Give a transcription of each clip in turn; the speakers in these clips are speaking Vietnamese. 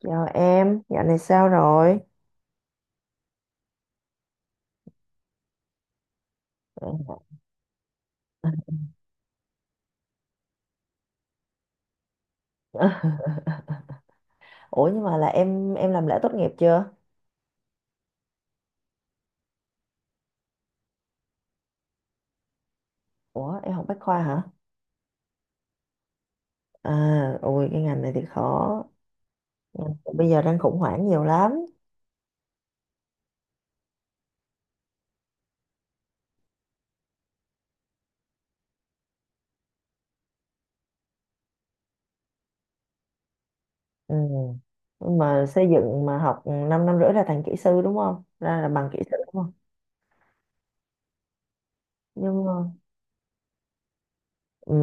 Chào em, dạo này sao rồi? Ủa nhưng mà là em làm lễ tốt nghiệp chưa? Ủa em học Bách khoa hả? À, ôi cái ngành này thì khó. Bây giờ đang khủng hoảng nhiều lắm. Ừ. Nhưng mà xây dựng mà học 5 năm năm rưỡi là thành kỹ sư đúng không? Ra là bằng kỹ sư đúng không? Nhưng mà ừ.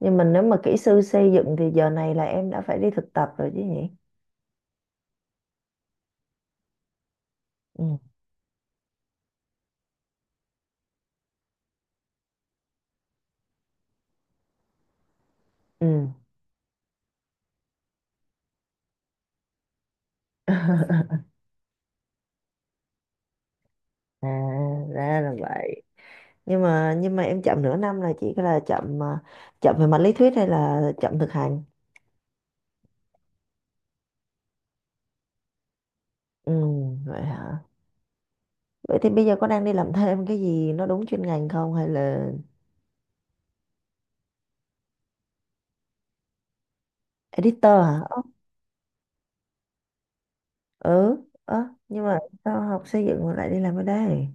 Nhưng mà nếu mà kỹ sư xây dựng thì giờ này là em đã phải đi thực tập rồi chứ nhỉ? Ừ. Ừ. À, ra là vậy. Nhưng mà em chậm nửa năm là chỉ là chậm à, chậm về mặt lý thuyết hay là chậm thực hành? Ừ, vậy hả? Vậy thì bây giờ có đang đi làm thêm cái gì nó đúng chuyên ngành không hay là editor hả? Ơ, ừ. Ơ, nhưng mà sao học xây dựng mà lại đi làm ở đây?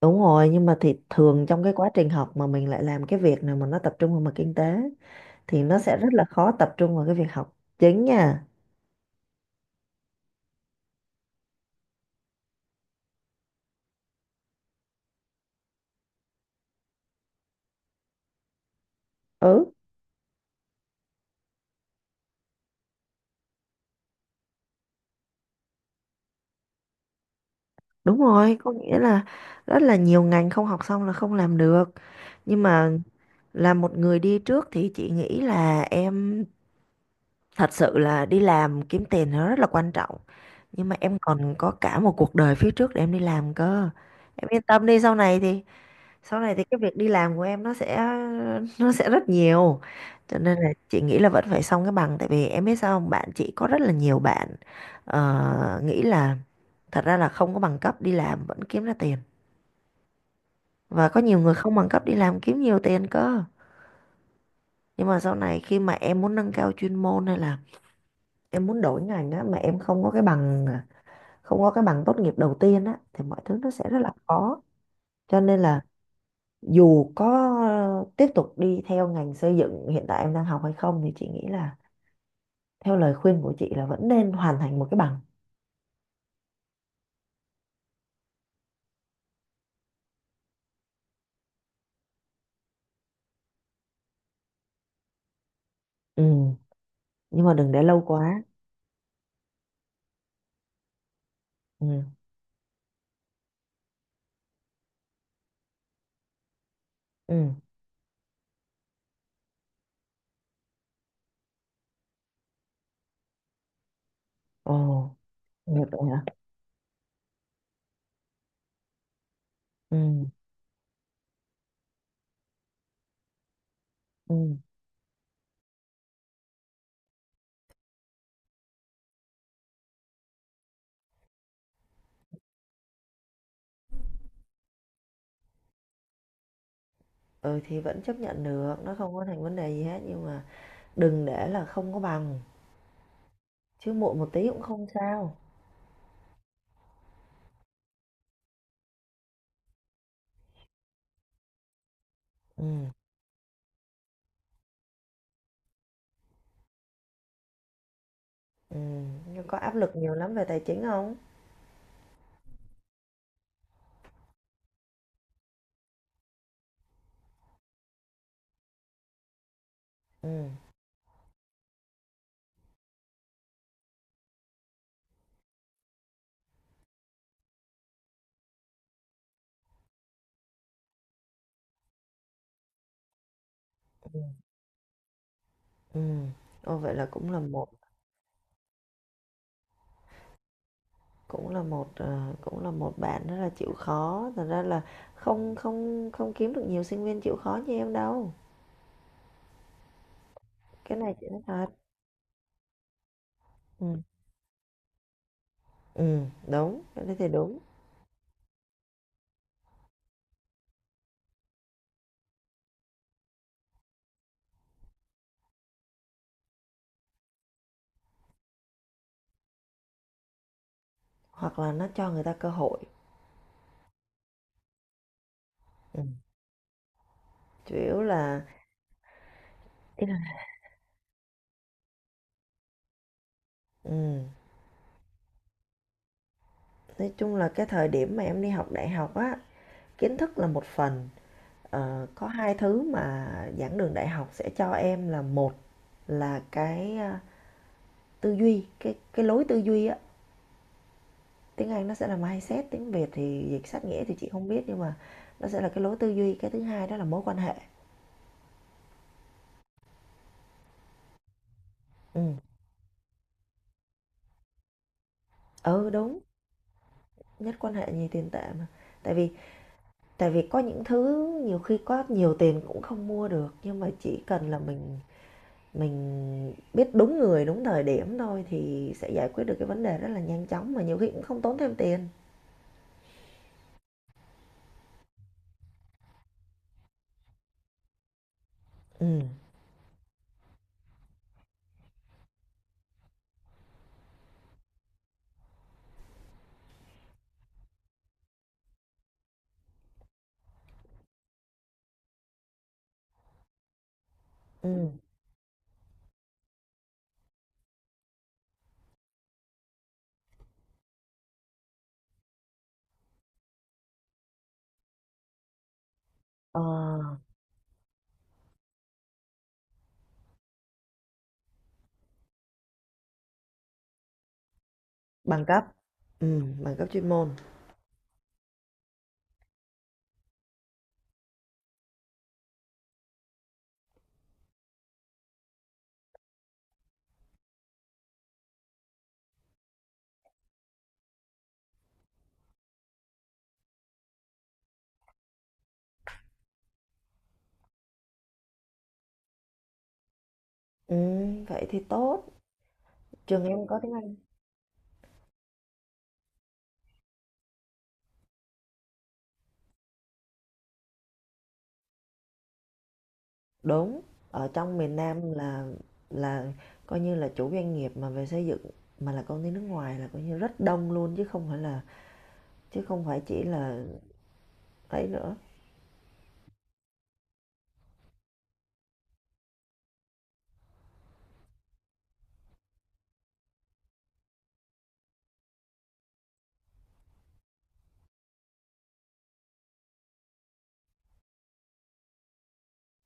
Đúng rồi, nhưng mà thì thường trong cái quá trình học mà mình lại làm cái việc nào mà nó tập trung vào mặt kinh tế thì nó sẽ rất là khó tập trung vào cái việc học chính nha. Ừ. Đúng rồi, có nghĩa là rất là nhiều ngành không học xong là không làm được. Nhưng mà là một người đi trước thì chị nghĩ là em thật sự là đi làm kiếm tiền nó rất là quan trọng. Nhưng mà em còn có cả một cuộc đời phía trước để em đi làm cơ. Em yên tâm đi, sau này thì cái việc đi làm của em nó sẽ rất nhiều. Cho nên là chị nghĩ là vẫn phải xong cái bằng, tại vì em biết sao không? Bạn chị có rất là nhiều bạn nghĩ là thật ra là không có bằng cấp đi làm vẫn kiếm ra tiền. Và có nhiều người không bằng cấp đi làm kiếm nhiều tiền cơ. Nhưng mà sau này khi mà em muốn nâng cao chuyên môn hay là em muốn đổi ngành á, mà em không có cái bằng à, không có cái bằng tốt nghiệp đầu tiên á, thì mọi thứ nó sẽ rất là khó. Cho nên là dù có tiếp tục đi theo ngành xây dựng hiện tại em đang học hay không, thì chị nghĩ là theo lời khuyên của chị là vẫn nên hoàn thành một cái bằng. Ừ, nhưng mà đừng để lâu quá. Ừ. Ừ. Ồ, được rồi hả? Ừ. Ừ. Ừ thì vẫn chấp nhận được, nó không có thành vấn đề gì hết, nhưng mà đừng để là không có bằng, chứ muộn một tí cũng không sao. Ừ, nhưng có áp lực nhiều lắm về tài chính không? Ừ, ừ, ừm. Ô, vậy là cũng là một, cũng là một bạn rất là chịu khó. Thật ra là không không không kiếm được nhiều sinh viên chịu khó như em đâu. Cái này chị nói thật. Ừ, đúng, cái đấy thì đúng. Hoặc là nó cho người ta cơ hội, ừm, chủ yếu là ý là, ừm, nói chung là cái thời điểm mà em đi học đại học á, kiến thức là một phần. Ờ, có hai thứ mà giảng đường đại học sẽ cho em là: một là cái, tư duy, cái lối tư duy á, tiếng Anh nó sẽ là mindset, tiếng Việt thì dịch sát nghĩa thì chị không biết, nhưng mà nó sẽ là cái lối tư duy; cái thứ hai đó là mối quan hệ. Ừ. Ừ, đúng. Nhất quan hệ nhì tiền tệ mà. Tại vì tại vì có những thứ nhiều khi có nhiều tiền cũng không mua được, nhưng mà chỉ cần là mình biết đúng người đúng thời điểm thôi thì sẽ giải quyết được cái vấn đề rất là nhanh chóng, mà nhiều khi cũng không tốn thêm tiền. Ừ. Ừm, ờ, bằng cấp. Bằng cấp chuyên môn. Vậy thì tốt, trường em có tiếng Anh. Đúng, ở trong miền Nam là coi như là chủ doanh nghiệp mà về xây dựng mà là công ty nước ngoài là coi như rất đông luôn, chứ không phải là chứ không phải chỉ là ấy nữa.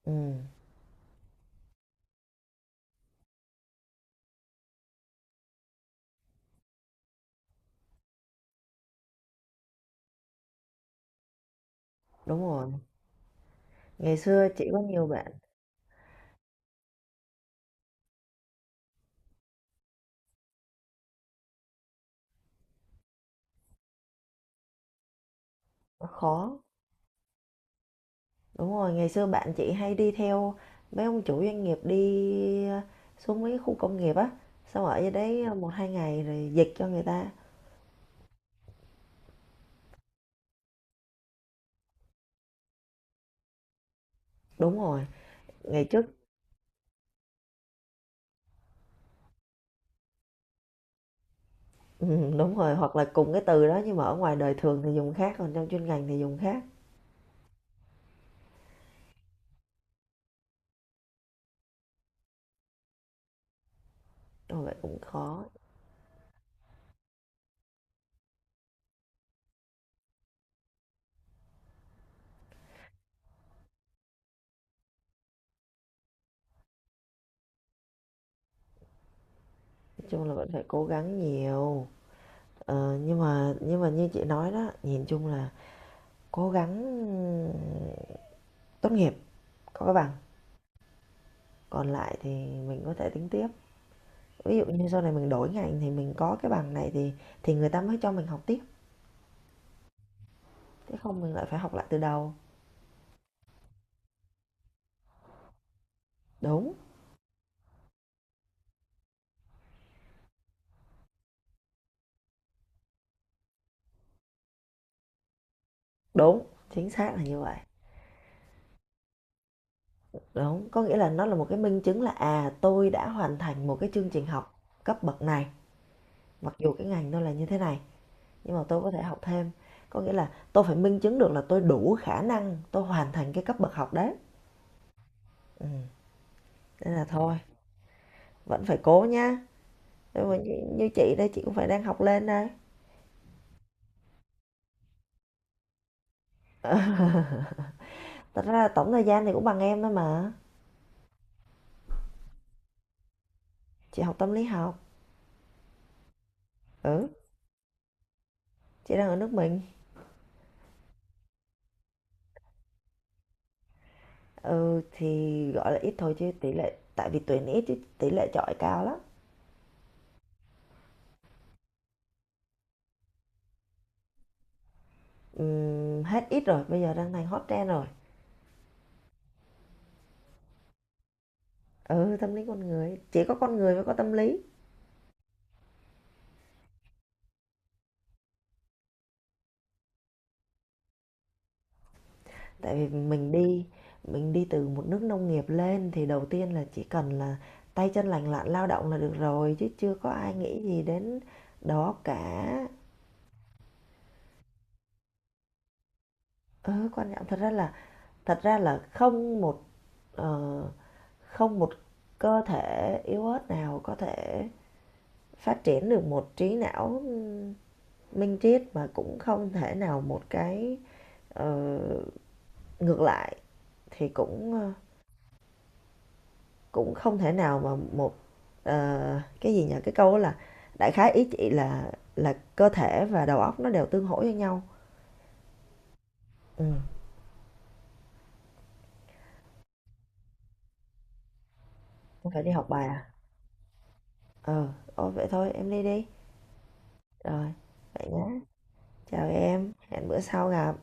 Ừm, đúng rồi. Ngày xưa chị có nhiều bạn. Nó khó. Đúng rồi, ngày xưa bạn chị hay đi theo mấy ông chủ doanh nghiệp đi, xuống mấy khu công nghiệp á, xong ở dưới đấy một hai ngày rồi dịch cho người ta. Đúng rồi, ngày trước. Ừm, đúng rồi, hoặc là cùng cái từ đó nhưng mà ở ngoài đời thường thì dùng khác, còn trong chuyên ngành thì dùng khác. Rồi vậy cũng khó, nói chung là vẫn phải cố gắng nhiều. Nhưng mà như chị nói đó, nhìn chung là cố gắng tốt nghiệp, có cái bằng, còn lại thì mình có thể tính tiếp. Ví dụ như sau này mình đổi ngành thì mình có cái bằng này thì người ta mới cho mình học tiếp, chứ không mình lại phải học lại từ đầu. Đúng, đúng, chính xác là như vậy. Đúng, có nghĩa là nó là một cái minh chứng là, à, tôi đã hoàn thành một cái chương trình học cấp bậc này, mặc dù cái ngành tôi là như thế này, nhưng mà tôi có thể học thêm. Có nghĩa là tôi phải minh chứng được là tôi đủ khả năng tôi hoàn thành cái cấp bậc học đấy. Ừm, Nên là thôi, vẫn phải cố nhá. Như chị đây, chị cũng phải đang học lên đây. Thật ra là tổng thời gian thì cũng bằng em thôi mà. Chị học tâm lý học. Ừ, chị đang ở nước mình. Ừ, thì gọi là ít thôi chứ tỷ lệ, tại vì tuyển ít chứ tỷ lệ chọi cao lắm. Hết ít rồi, bây giờ đang thành hot trend rồi. Ừ, tâm lý con người, chỉ có con người mới có tâm lý. Tại vì mình đi từ một nước nông nghiệp lên thì đầu tiên là chỉ cần là tay chân lành lặn lao động là được rồi, chứ chưa có ai nghĩ gì đến đó cả. Ừ, quan trọng. Thật ra là không một, ờ, không một cơ thể yếu ớt nào có thể phát triển được một trí não minh triết, mà cũng không thể nào một cái, ờ, ngược lại thì cũng không thể nào mà một, cái gì nhỉ, cái câu đó là, đại khái ý chị là cơ thể và đầu óc nó đều tương hỗ với nhau. Ừ. Em phải đi học bài à? Ờ, ôi vậy thôi em đi đi. Rồi. Vậy nhé, chào em, hẹn bữa sau gặp.